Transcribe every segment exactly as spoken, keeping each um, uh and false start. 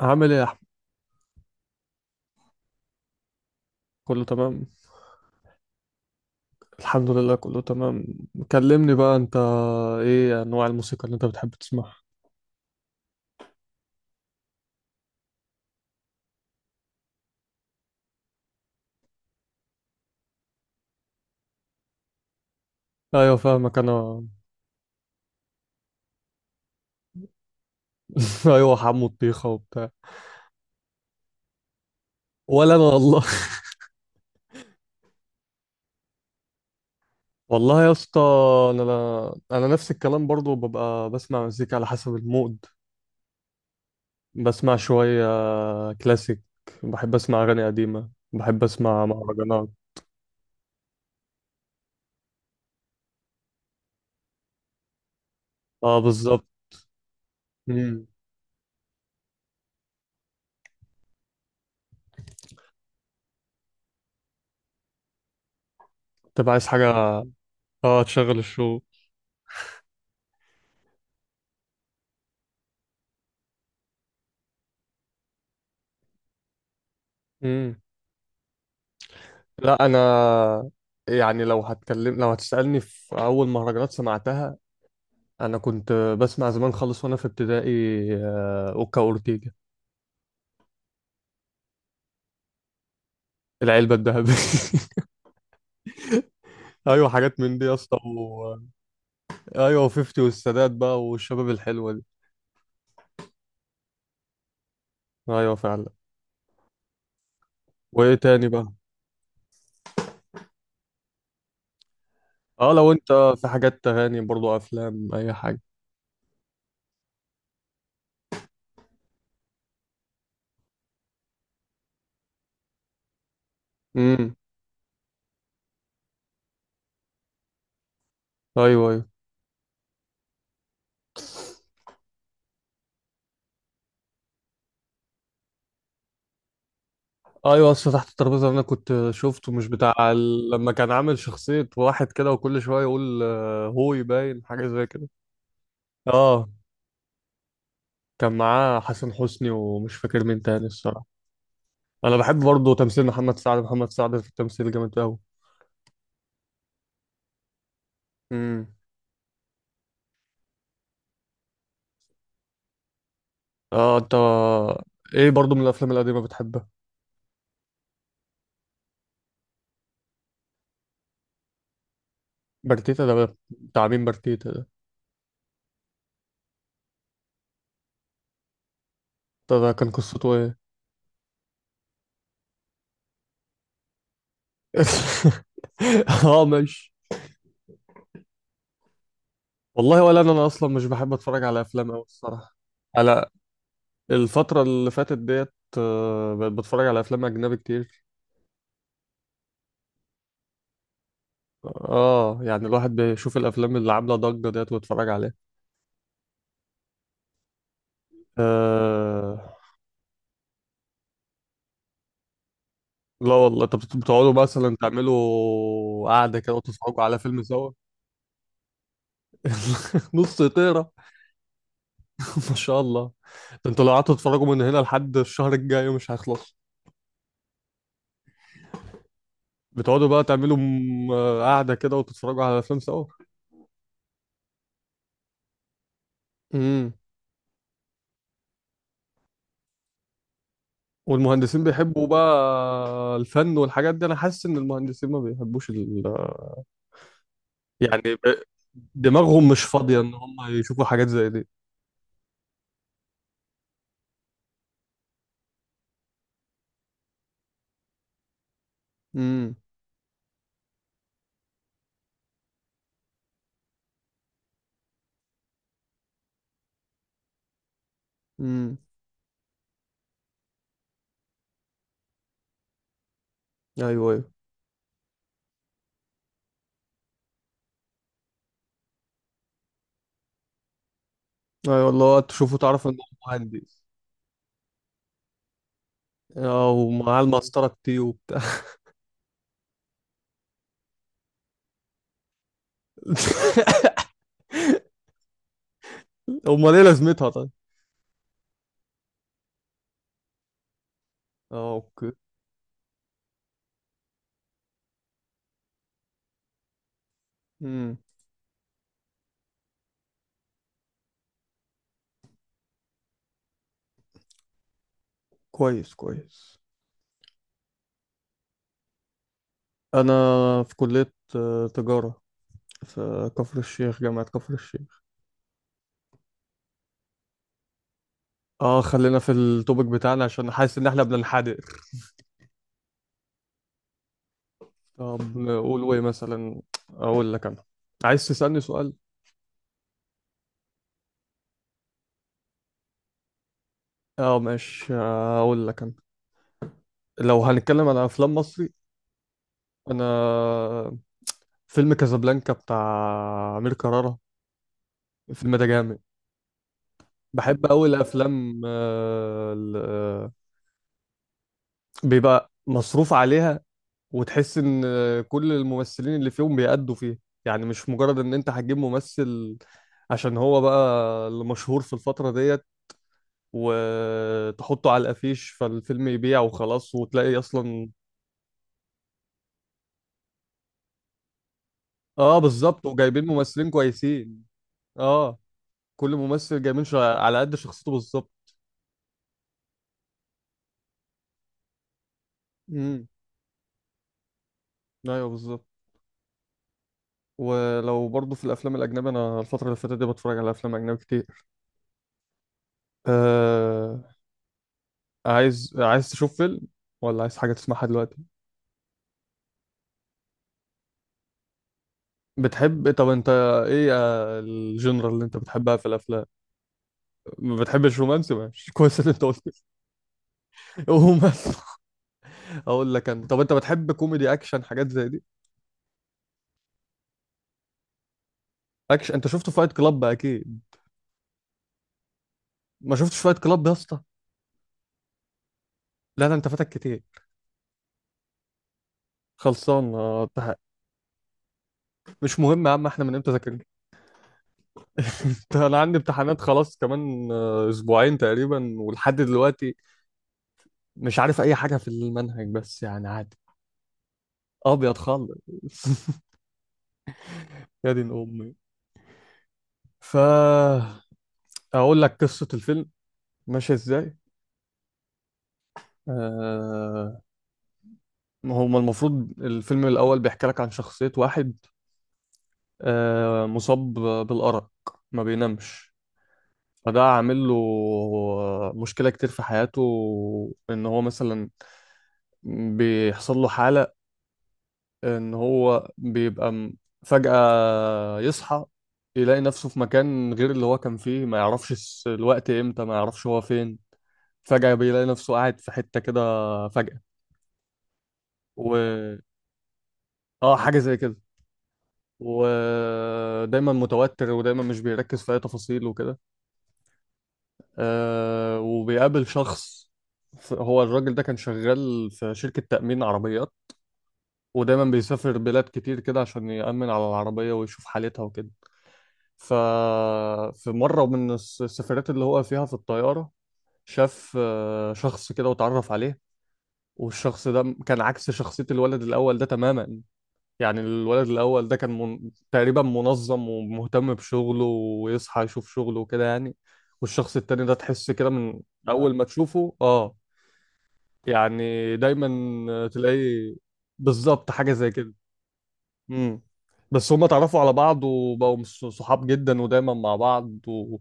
عامل ايه يا احمد؟ كله تمام الحمد لله. كله تمام. كلمني بقى انت، ايه انواع الموسيقى اللي انت بتحب تسمعها؟ ايوه فاهمك انا. ايوه حمو الطيخه وبتاع. ولا انا والله. والله يا اسطى، انا انا أنا نفس الكلام برضو، ببقى بسمع مزيكا على حسب المود. بسمع شويه كلاسيك، بحب اسمع اغاني قديمه، بحب اسمع مهرجانات. اه بالظبط. امم تبقى عايز حاجه. اه تشغل الشو. لا انا يعني، لو هتكلم، لو هتسألني في اول مهرجانات سمعتها، انا كنت بسمع زمان خالص وانا في ابتدائي. آه، اوكا اورتيجا. العلبة الذهبية. ايوه حاجات من دي يا اسطى و... ايوه فيفتي والسادات بقى والشباب الحلوة دي. ايوه فعلا. وايه تاني بقى؟ اه لو انت، في حاجات تغاني برضو، افلام، اي حاجة؟ امم ايوه. ايوه. ايوه، اصل تحت الترابيزه اللي انا كنت شفته مش بتاع ال... لما كان عامل شخصيه واحد كده وكل شويه يقول آه، هو يباين حاجه زي كده. اه كان معاه حسن حسني ومش فاكر مين تاني الصراحه. انا بحب برضه تمثيل محمد سعد، محمد سعد في التمثيل جامد قوي. امم اه انت، ايه برضه من الافلام القديمه بتحبها؟ برتيتا ده بتاع مين؟ برتيتا ده؟ ده ده كان قصته ايه؟ اه ماشي. والله ولا انا، انا اصلا مش بحب اتفرج على افلام قوي الصراحه. على الفترة اللي فاتت ديت آه، بقيت بتفرج على أفلام أجنبي كتير. اه يعني الواحد بيشوف الأفلام اللي عاملة ضجة ديت ويتفرج عليها. آه، لا والله، طب بتقعدوا مثلا تعملوا قعدة كده وتتفرجوا على فيلم سوا؟ نص طيرة. ما شاء الله، ده انتوا لو قعدتوا تتفرجوا من هنا لحد الشهر الجاي مش هيخلص. بتقعدوا بقى تعملوا م- قعدة كده وتتفرجوا على أفلام سوا. امم والمهندسين بيحبوا بقى الفن والحاجات دي؟ انا حاسس ان المهندسين ما بيحبوش ال... يعني ب- دماغهم مش فاضية ان هم يشوفوا حاجات زي دي. امم امم ايوه. ايوه. ايوه والله، وقت تشوفه تعرف انه مهندس. اه ومعاه المسطرة التي وبتاع. امال ايه لازمتها طيب؟ اه اوكي. امم كويس كويس. انا في كلية آه، تجارة، في كفر الشيخ، جامعة كفر الشيخ. اه خلينا في التوبيك بتاعنا عشان حاسس ان احنا بننحدر. طب نقول ايه مثلا؟ اقول لك انا، عايز تسألني سؤال؟ اه ماشي اقول لك انا، لو هنتكلم على افلام مصري، انا فيلم كازابلانكا بتاع امير كرارة، الفيلم ده جامد. بحب قوي الافلام آه، ال- آه، بيبقى مصروف عليها، وتحس ان كل الممثلين اللي فيهم بيأدوا فيه. يعني مش مجرد ان انت هتجيب ممثل عشان هو بقى اللي مشهور في الفترة ديت وتحطه على الافيش فالفيلم يبيع وخلاص وتلاقي اصلا. اه بالظبط، وجايبين ممثلين كويسين. اه كل ممثل جايبين شا... على قد شخصيته بالظبط. امم ايوه بالظبط. ولو برضه في الافلام الاجنبي، انا الفتره اللي فاتت دي بتفرج على افلام اجنبي كتير. آه... عايز، عايز تشوف فيلم، ولا عايز حاجه تسمعها دلوقتي؟ بتحب، طب انت ايه آه، الجنرال اللي انت بتحبها في الافلام؟ ما بتحبش رومانسي ماشي. كويس اللي انت قلت. رومانسي. اقول لك انا، طب انت بتحب كوميدي، اكشن، حاجات زي دي؟ اكشن، انت شفته فايت كلاب اكيد. ما شفتش فايت كلاب يا اسطى؟ لا لا انت فاتك كتير. خلصان، آه، امتحان. مش مهم يا عم، احنا من امتى ذاكرنا؟ انت، انا عندي امتحانات خلاص كمان آه، اسبوعين تقريبا ولحد دلوقتي مش عارف اي حاجه في المنهج، بس يعني عادي. ابيض خالص. يا دين امي. ف اقول لك قصه الفيلم ماشيه ازاي. آه، ما هو المفروض الفيلم الاول بيحكي لك عن شخصيه واحد آه، مصاب بالأرق، ما بينامش. فده عامل له آه، مشكلة كتير في حياته. إن هو مثلا بيحصل له حالة إن هو بيبقى م- فجأة يصحى يلاقي نفسه في مكان غير اللي هو كان فيه، ما يعرفش الس- الوقت إمتى، ما يعرفش هو فين. فجأة بيلاقي نفسه قاعد في حتة كده، فجأة. و آه، حاجة زي كده. ودايما متوتر ودايما مش بيركز في أي تفاصيل وكده. آه وبيقابل شخص. ف- هو الراجل ده كان شغال في شركة تأمين عربيات، ودايما بيسافر بلاد كتير كده عشان يأمن على العربية ويشوف حالتها وكده. ففي مرة من الس- السفرات اللي هو فيها في الطيارة شاف آه، شخص كده واتعرف عليه. والشخص ده م- كان عكس شخصية الولد الأول ده تماما. يعني الولد الأول ده كان من... تقريبا منظم ومهتم بشغله ويصحى يشوف شغله وكده يعني. والشخص التاني ده تحس كده من آه. أول ما تشوفه، اه يعني دايما تلاقي. بالظبط حاجة زي كده. امم بس هما اتعرفوا على بعض وبقوا مص- صحاب جدا ودايما مع بعض و...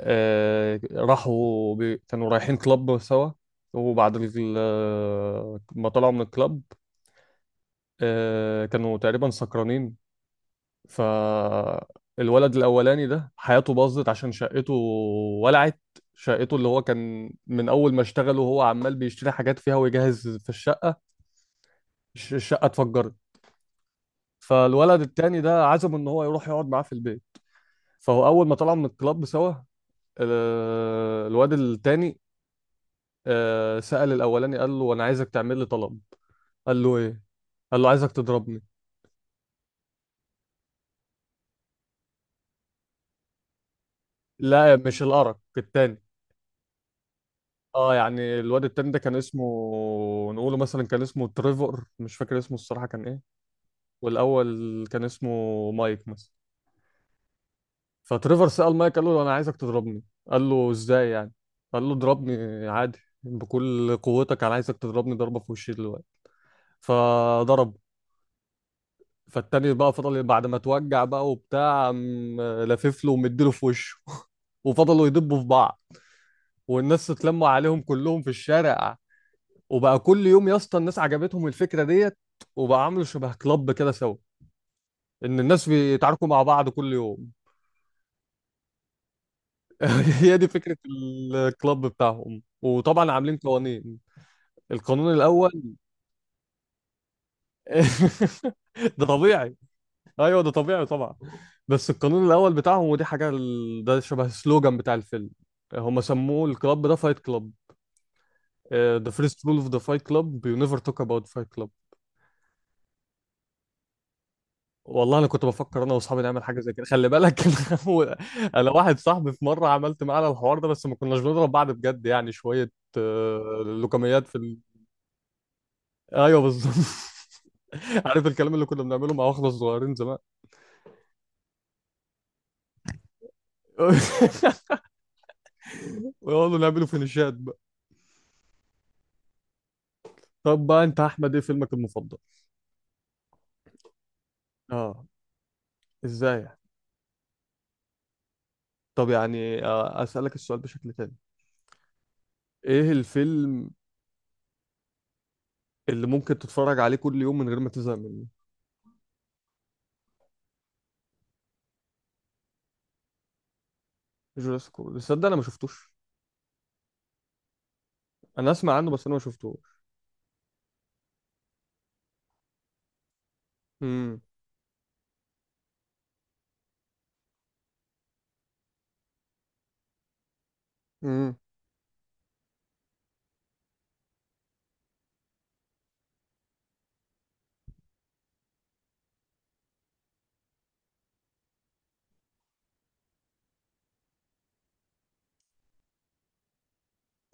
آه... راحوا ب... كانوا رايحين كلاب سوا، وبعد ال... آه، ما طلعوا من الكلاب آه... كانوا تقريبا سكرانين. فالولد الأولاني ده حياته باظت عشان شقته ولعت. شقته اللي هو كان من أول ما اشتغل وهو عمال بيشتري حاجات فيها ويجهز في الشقة. الش- الشقة اتفجرت. فالولد التاني ده عزمه ان هو يروح يقعد معاه في البيت. فهو اول ما طلعوا من الكلاب سوا، ال- الواد التاني آه، سأل الاولاني، قال له انا عايزك تعمل لي طلب. قال له ايه؟ قال له عايزك تضربني. لا مش الارك التاني. اه يعني الواد التاني ده كان اسمه، نقوله مثلا كان اسمه تريفور، مش فاكر اسمه الصراحة كان ايه. والاول كان اسمه مايك مثلا. فتريفر سأل مايك، قال له انا عايزك تضربني. قال له ازاي يعني؟ قال له اضربني عادي بكل قوتك، انا عايزك تضربني ضربة في وشي دلوقتي. فضرب. فالتاني بقى فضل بعد ما اتوجع بقى وبتاع، قام لافف له ومديله في وشه. وفضلوا يدبوا في بعض، والناس اتلموا عليهم كلهم في الشارع. وبقى كل يوم يا اسطى الناس عجبتهم الفكرة ديت، وبقى عملوا شبه كلاب كده سوا، ان الناس بيتعاركوا مع بعض كل يوم. هي دي فكرة الكلاب بتاعهم، وطبعا عاملين قوانين. القانون الاول. ده طبيعي. ايوه ده طبيعي طبعا. بس القانون الاول بتاعهم، ودي حاجه ال- ده شبه السلوجان بتاع الفيلم، هم سموه الكلاب ده فايت كلاب. ذا فيرست رول اوف ذا فايت كلاب، يو نيفر توك اباوت فايت كلاب. والله انا كنت بفكر انا واصحابي نعمل حاجه زي كده، خلي بالك. هو- انا واحد صاحبي في مره عملت معانا الحوار ده، بس ما كناش بنضرب بعض بجد، يعني شويه آه، لوكميات في ال... ايوه بالظبط. عارف الكلام اللي كنا بنعمله مع واخده صغيرين زمان. ويقعدوا نعملوا فينيشات بقى. طب بقى انت احمد، ايه فيلمك المفضل؟ اه، ازاي يعني؟ طب يعني آه، اسالك السؤال بشكل تاني، ايه الفيلم اللي ممكن تتفرج عليه كل يوم من غير ما تزهق منه؟ جوراسيك وورلد؟ تصدق انا ما شفتوش. انا اسمع عنه بس انا ما شفتوش. امم امم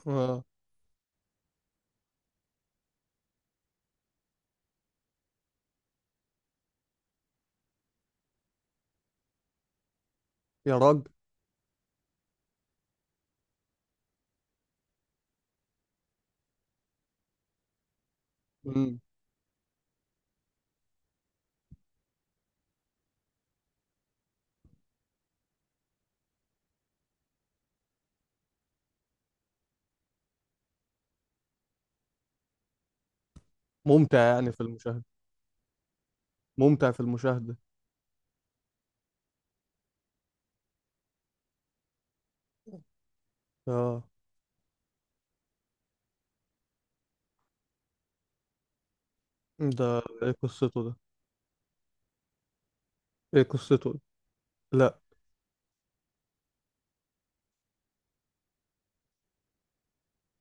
اه يا راجل. امم ممتع يعني في المشاهده؟ ممتع في المشاهده. اه ده، ايه قصته ده؟ ايه قصته ده؟ لا.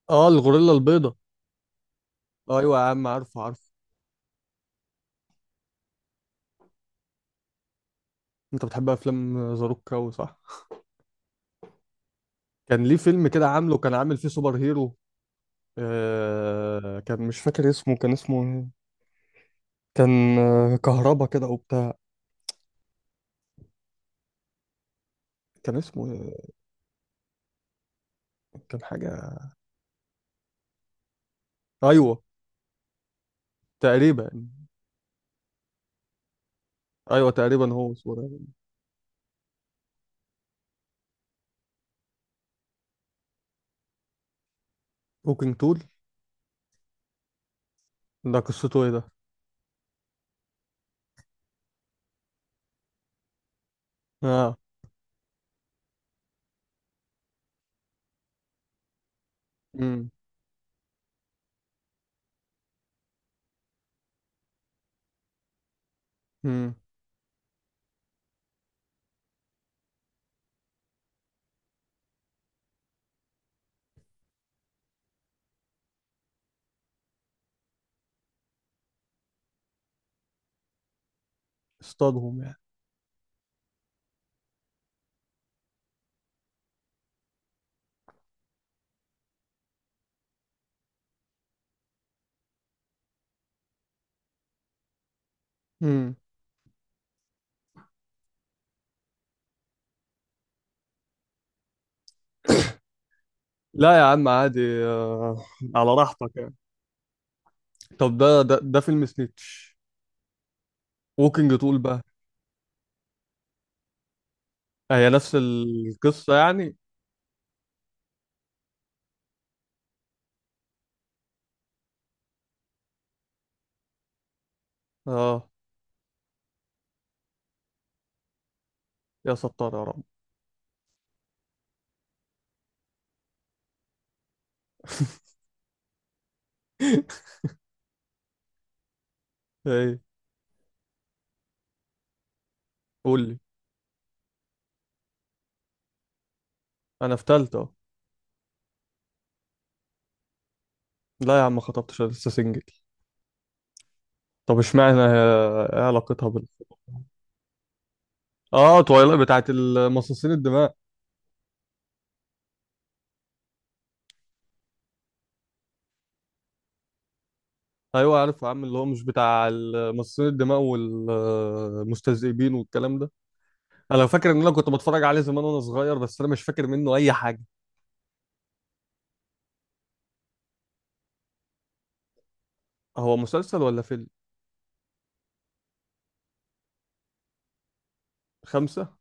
اه الغوريلا البيضاء. ايوه يا عم عارفه عارفه. انت بتحب افلام زاروكا صح؟ كان ليه فيلم كده عامله، كان عامل فيه سوبر هيرو، آه كان مش فاكر اسمه، كان اسمه إيه؟ كان آه، كهربا كده او بتاع. كان اسمه إيه؟ كان حاجة، ايوه تقريبا. ايوه تقريبا هو اسمه ده. ووكينج تول. ده قصته ايه ده؟ اه. امم امم اصطادهم يعني. امم لا يا عم عادي. آه. على راحتك يعني. طب ده ده ده فيلم سنيتش. ووكينج تول بقى، هي نفس القصة يعني؟ اه. يا ستار يا رب. ايه؟ قول لي. انا في تالتة أهو. لا يا عم ما خطبتش، أنا لسه سنجل. طب اشمعنى هي- ايه علاقتها بال؟ اه تويلايت بتاعت المصاصين الدماء. ايوه عارف يا عم، اللي هو مش بتاع المصاصين الدماء والمستذئبين والكلام ده. انا فاكر ان انا كنت بتفرج عليه زمان وانا صغير، بس انا مش فاكر منه اي حاجه. هو مسلسل ولا فيلم؟ خمسة.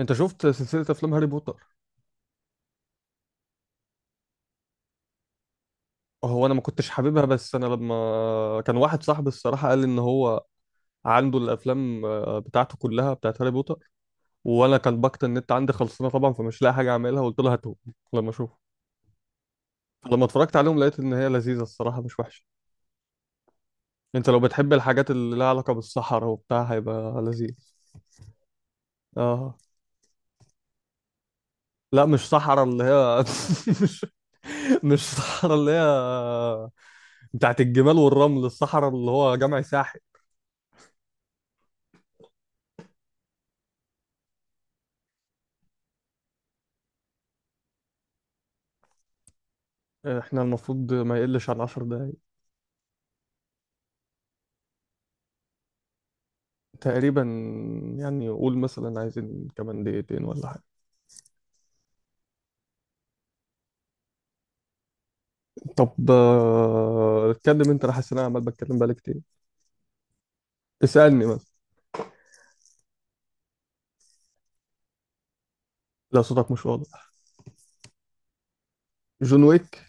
انت شفت سلسله افلام هاري بوتر؟ هو انا ما كنتش حاببها، بس انا لما كان واحد صاحبي الصراحه قال لي ان هو عنده الافلام آه، بتاعته كلها بتاعت هاري بوتر، وانا كان باقة النت عندي خلصانه طبعا، فمش لاقي حاجه اعملها، قلت لها هاتهم لما اشوف. لما اتفرجت عليهم لقيت ان هي لذيذه الصراحه، مش وحشه. انت لو بتحب الحاجات اللي لها علاقه بالصحراء وبتاع هيبقى لذيذ. اه. لا مش صحراء اللي هي. مش مش صحراء اللي هي بتاعت الجمال والرمل، الصحراء اللي هو جمع ساحل. احنا المفروض ما يقلش عن عشر دقايق. تقريبا. يعني قول مثلا عايزين كمان دقيقتين ولا حاجه؟ طب آه، اتكلم انت، انا حاسس ان انا عمال بتكلم بقالي كتير. اسالني. لا صوتك مش واضح. جون ويك؟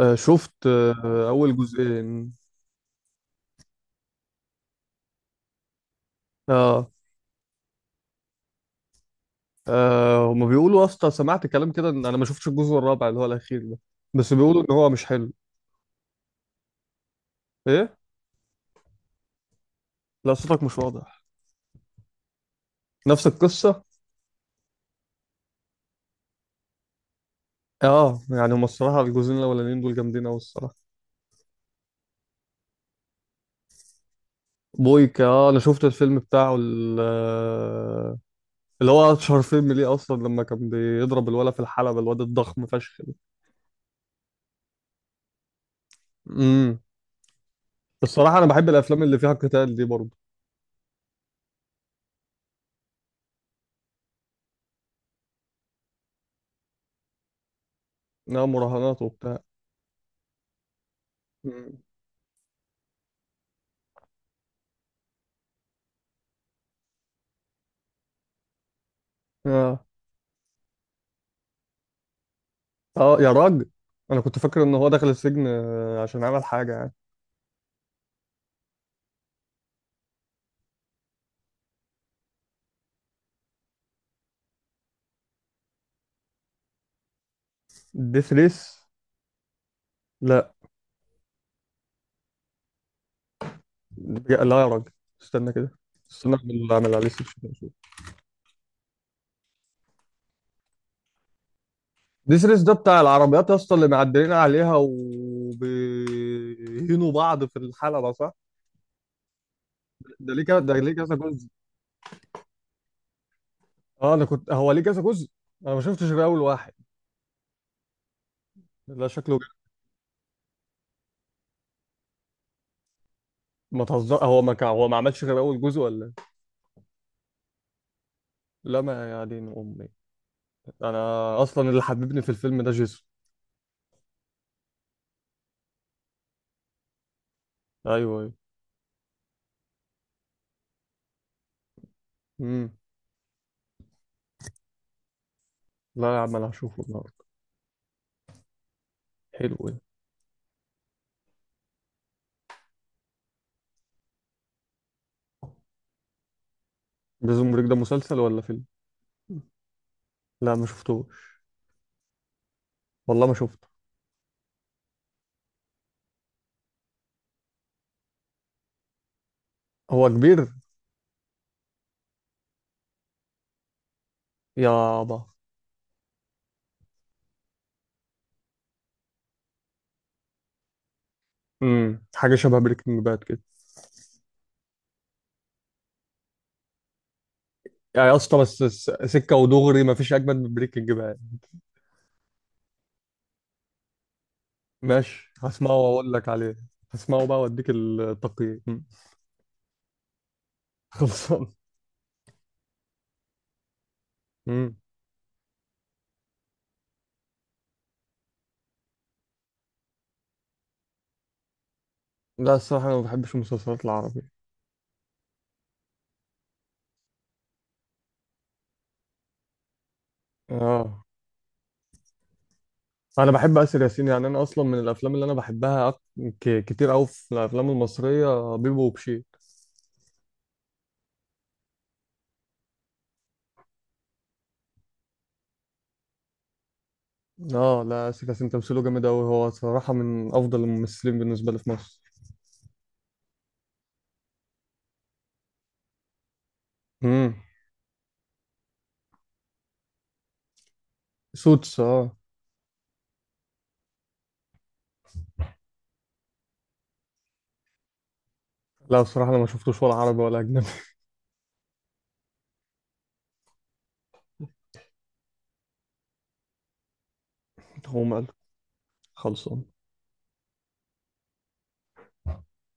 آه شفت آه اول جزئين. اه. آه، هما بيقولوا اصلا، سمعت كلام كده ان انا ما شفتش الجزء الرابع اللي هو الاخير ده، بس بيقولوا ان هو مش حلو. ايه؟ لا صوتك مش واضح. نفس القصه. اه يعني هما الصراحه الجزئين الاولانيين دول جامدين قوي الصراحه. بويكا، اه انا شفت الفيلم بتاعه ال- آه، اللي هو اشهر فيلم ليه اصلا، لما كان بيضرب الولا في الحلبه، الواد الضخم فشخ ده. امم الصراحه انا بحب الافلام اللي فيها قتال دي برضه. انها مراهنات وبتاع. اه. اه يا راجل. انا كنت فاكر ان هو دخل السجن آه، عشان عمل حاجه يعني. ديث ريس. لا. لا يا راجل، استنى كده. استنى اعمل، اعمل عليه سيرش كده اشوف. ديث ريس ده بتاع العربيات يا اسطى، اللي معدلين عليها وبيهينوا بعض في الحلبه صح؟ ده ليه كذا، ده ليه كذا جزء؟ اه انا كنت، هو ليه كذا جزء؟ انا ما شفتش غير اول واحد. لا شكله جامد. ما تهزر، هو ما كان، هو ما عملش غير اول جزء ولا إيه؟ لا ما، يا دين امي، انا اصلا اللي حببني في الفيلم ده جيسون. ايوه ايوه. امم لا يا عم انا هشوفه النهارده. حلو ده. بريزون بريك ده مسلسل ولا فيلم؟ لا ما شفتوش. والله ما شفته. هو كبير؟ يابا. امم حاجه شبه بريكنج باد كده يعني؟ اصلا بس س- سكه ودغري ما فيش اجمد من بريكنج باد. ماشي هسمعه واقول لك عليه. هسمعه بقى واديك التقييم. مم. خلصان. امم لا الصراحه انا ما بحبش المسلسلات العربيه. اه انا بحب اسر ياسين، يعني انا اصلا من الافلام اللي انا بحبها أك- ك- كتير قوي في الافلام المصريه بيبو وبشير. اه لا آسر ياسين تمثيله جامد أوي، هو صراحة من أفضل الممثلين بالنسبة لي في مصر. امم سوتس اه. لا الصراحة أنا ما شفتوش ولا عربي ولا أجنبي. هو مال. خلصان.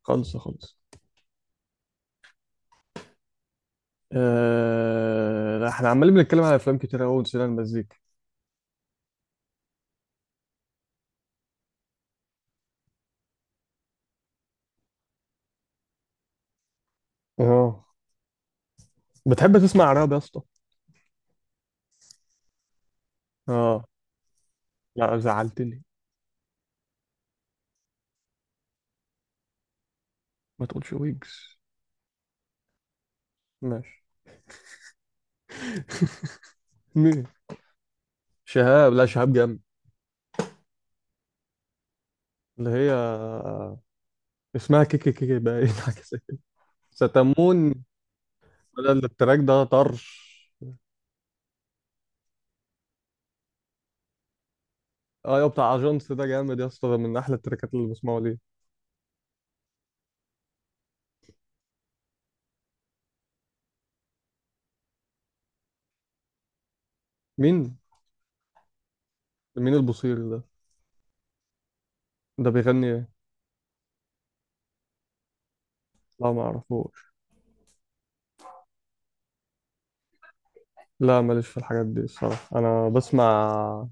خلص خلص. آه... لا احنا عمالين بنتكلم على أفلام كتير أوي ونسينا المزيكا. اه بتحب تسمع عربي يا اسطى؟ اه. لا زعلتني. ما تقولش ويجز. ماشي. مين؟ شهاب؟ لا شهاب جامد. اللي هي، اسمها كيكي، كيكي بقى، ايه، حاجة زي كده. ستمون. لا، التراك ده طرش. اه يا بتاع اجونس، ده جامد يا اسطى، ده من احلى التراكات اللي بسمعه ليه. مين؟ مين البصير ده؟ ده بيغني ايه؟ لا ما اعرفوش. لا ماليش في الحاجات دي الصراحه، انا بسمع.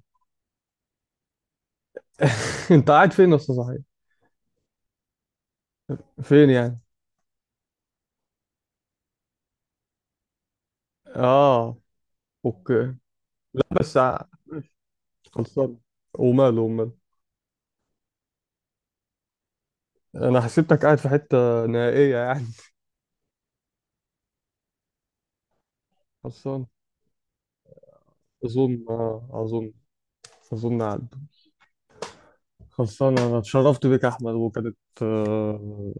انت قاعد فين يا اسطى صحيح؟ فين يعني؟ اه اوكي. بس ع- خلصان. وماله، وماله. انا حسيتك قاعد في حته نهائيه يعني. خلصان. اظن، اه اظن. اظن عدوا. خلصان، انا اتشرفت بيك يا احمد، وكانت آه،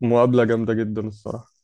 مقابله جامده جدا الصراحه.